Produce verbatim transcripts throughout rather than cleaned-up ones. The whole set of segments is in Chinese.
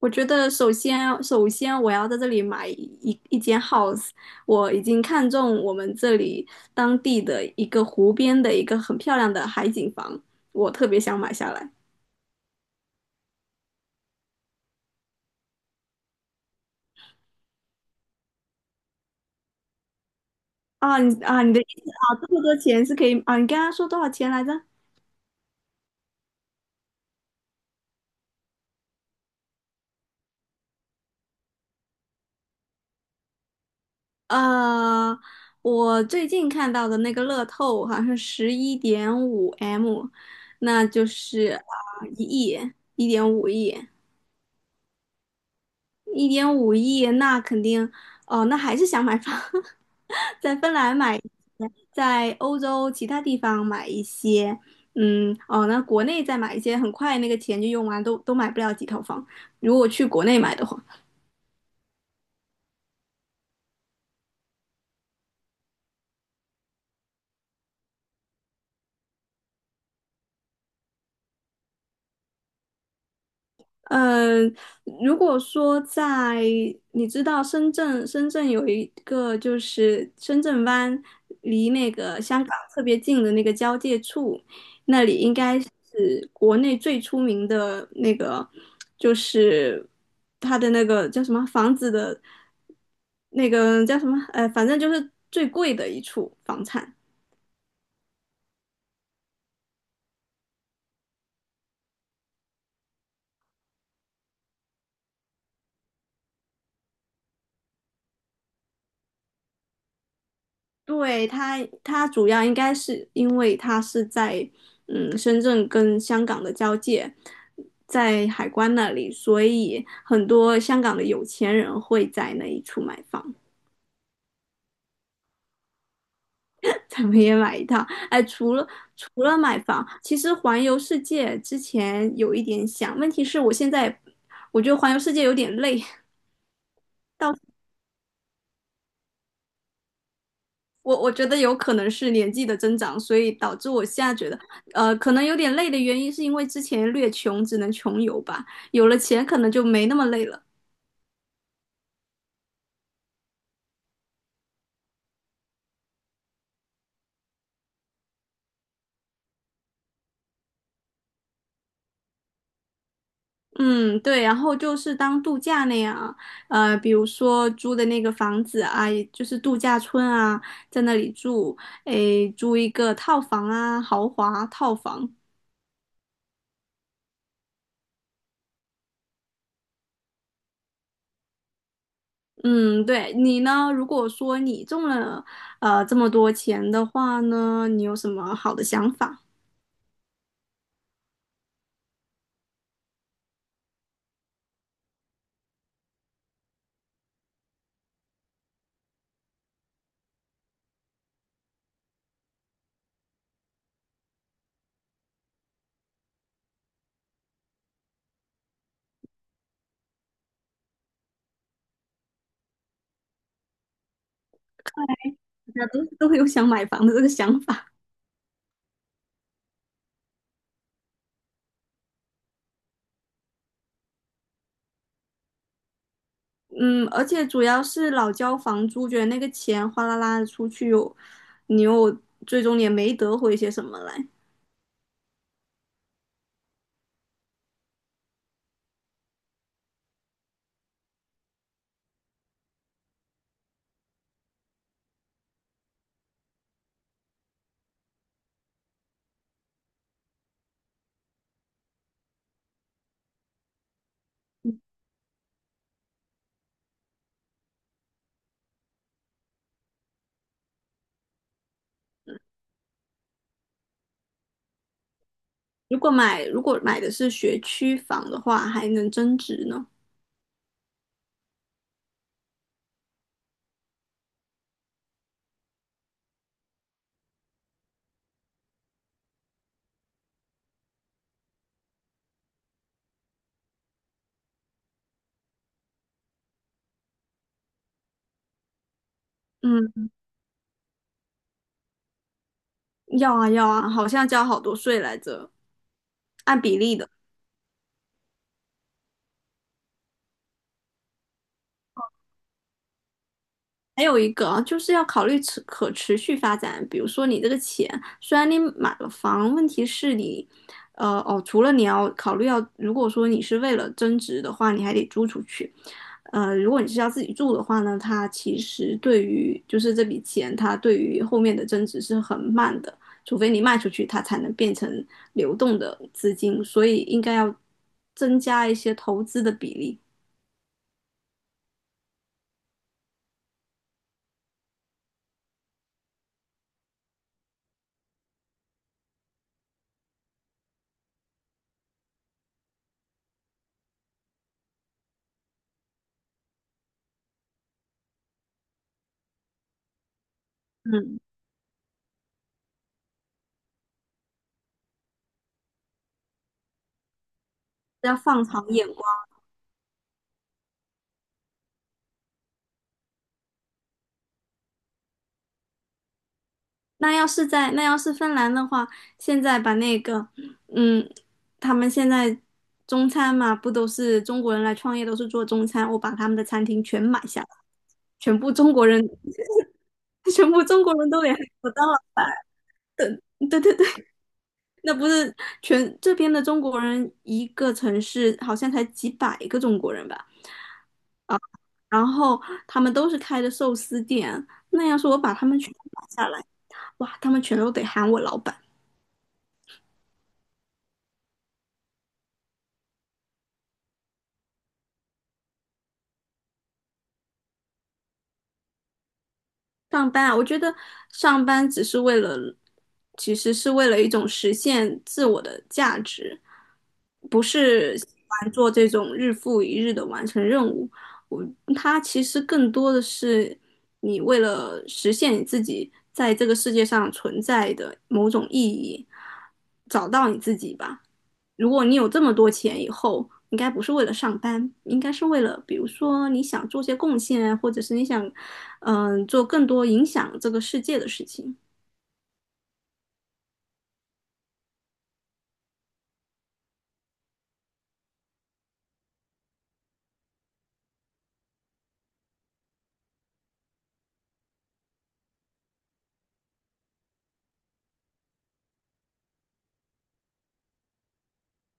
我觉得首先，首先我要在这里买一一间 house。我已经看中我们这里当地的一个湖边的一个很漂亮的海景房，我特别想买下来。啊，你啊，你的意思啊，这么多钱是可以啊？你刚刚说多少钱来着？呃，我最近看到的那个乐透好像是十一点五 M，那就是啊一亿，一点五亿。一点五亿，那肯定，哦，那还是想买房。在芬兰买一些，在欧洲其他地方买一些，嗯，哦，那国内再买一些，很快那个钱就用完，都都买不了几套房。如果去国内买的话。嗯，如果说在你知道深圳，深圳有一个就是深圳湾，离那个香港特别近的那个交界处，那里应该是国内最出名的那个，就是它的那个叫什么房子的，那个叫什么，呃，反正就是最贵的一处房产。对，他，他主要应该是因为他是在嗯深圳跟香港的交界，在海关那里，所以很多香港的有钱人会在那一处买房。咱们也买一套。哎，除了除了买房，其实环游世界之前有一点想，问题是我现在我觉得环游世界有点累。我我觉得有可能是年纪的增长，所以导致我现在觉得，呃，可能有点累的原因是因为之前略穷，只能穷游吧，有了钱可能就没那么累了。嗯，对，然后就是当度假那样，呃，比如说租的那个房子啊，也就是度假村啊，在那里住，诶，租一个套房啊，豪华套房。嗯，对，你呢？如果说你中了，呃，这么多钱的话呢，你有什么好的想法？家都 都会有想买房的这个想法。嗯，而且主要是老交房租，觉得那个钱哗啦啦的出去又，你又最终也没得回些什么来。如果买如果买的是学区房的话，还能增值呢。嗯，要啊要啊，好像交好多税来着，按比例的。还有一个啊就是要考虑持可持续发展，比如说你这个钱，虽然你买了房，问题是你，呃，哦，除了你要考虑要，如果说你是为了增值的话，你还得租出去，呃，如果你是要自己住的话呢，它其实对于就是这笔钱，它对于后面的增值是很慢的，除非你卖出去，它才能变成流动的资金，所以应该要增加一些投资的比例。嗯，要放长眼光。那要是在那要是芬兰的话，现在把那个，嗯，他们现在中餐嘛，不都是中国人来创业，都是做中餐，我把他们的餐厅全买下来，全部中国人。全部中国人都联我当老。对对对对，那不是全这边的中国人，一个城市好像才几百个中国人吧，然后他们都是开的寿司店，那要是我把他们全买下来，哇，他们全都得喊我老板。上班啊，我觉得上班只是为了，其实是为了一种实现自我的价值，不是喜欢做这种日复一日的完成任务。我，它其实更多的是你为了实现你自己在这个世界上存在的某种意义，找到你自己吧。如果你有这么多钱以后，应该不是为了上班，应该是为了，比如说你想做些贡献啊，或者是你想，嗯、呃做更多影响这个世界的事情。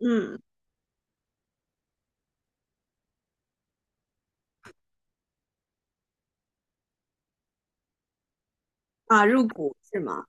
嗯，啊，入股是吗？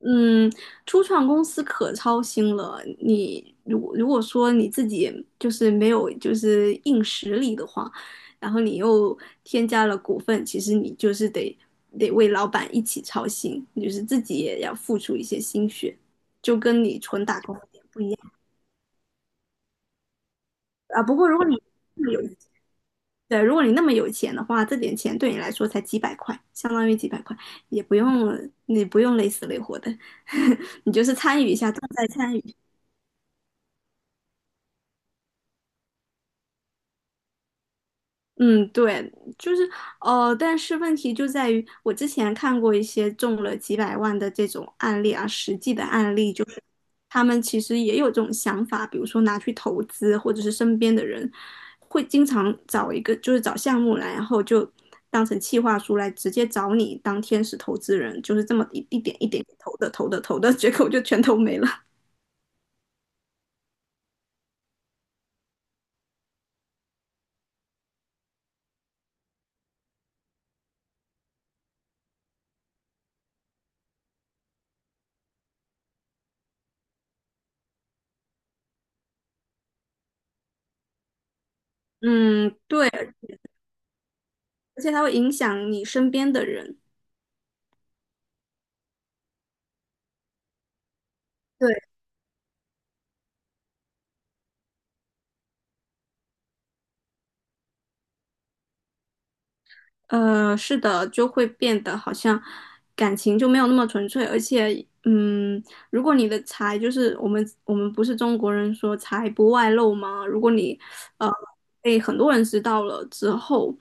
嗯，初创公司可操心了。你如如果说你自己就是没有就是硬实力的话，然后你又添加了股份，其实你就是得得为老板一起操心，就是自己也要付出一些心血，就跟你纯打工有点不一样啊。不过如果你那么有对，如果你那么有钱的话，这点钱对你来说才几百块，相当于几百块，也不用你不用累死累活的。你就是参与一下，重在参与。嗯，对，就是呃，但是问题就在于，我之前看过一些中了几百万的这种案例啊，实际的案例，就是他们其实也有这种想法，比如说拿去投资，或者是身边的人会经常找一个，就是找项目来，然后就当成企划书来直接找你当天使投资人，就是这么一一点一点投的投的投的。结果就全投没了。嗯，对，而且它会影响你身边的人。对。呃，是的，就会变得好像感情就没有那么纯粹，而且，嗯，如果你的财就是我们我们不是中国人说财不外露吗？如果你呃被很多人知道了之后，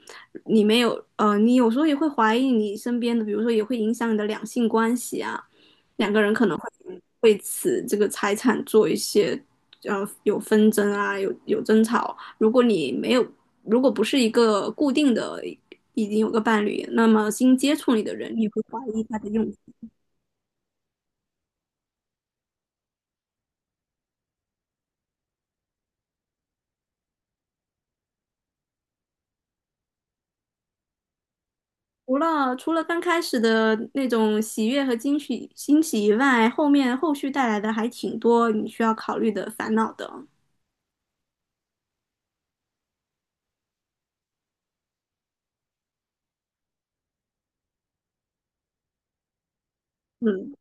你没有呃，你有时候也会怀疑你身边的，比如说也会影响你的两性关系啊，两个人可能会为此这个财产做一些呃有纷争啊，有有争吵。如果你没有，如果不是一个固定的，已经有个伴侣，那么新接触你的人，你会怀疑他的用心。除了除了刚开始的那种喜悦和惊喜欣喜以外，后面后续带来的还挺多你需要考虑的烦恼的。嗯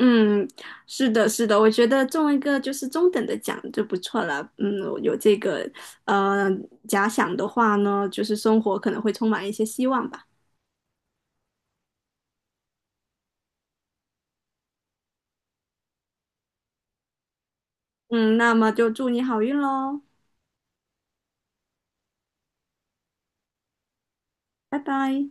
嗯，是的，是的，我觉得中一个就是中等的奖就不错了。嗯，有这个呃假想的话呢，就是生活可能会充满一些希望吧。嗯，那么就祝你好运喽，拜拜。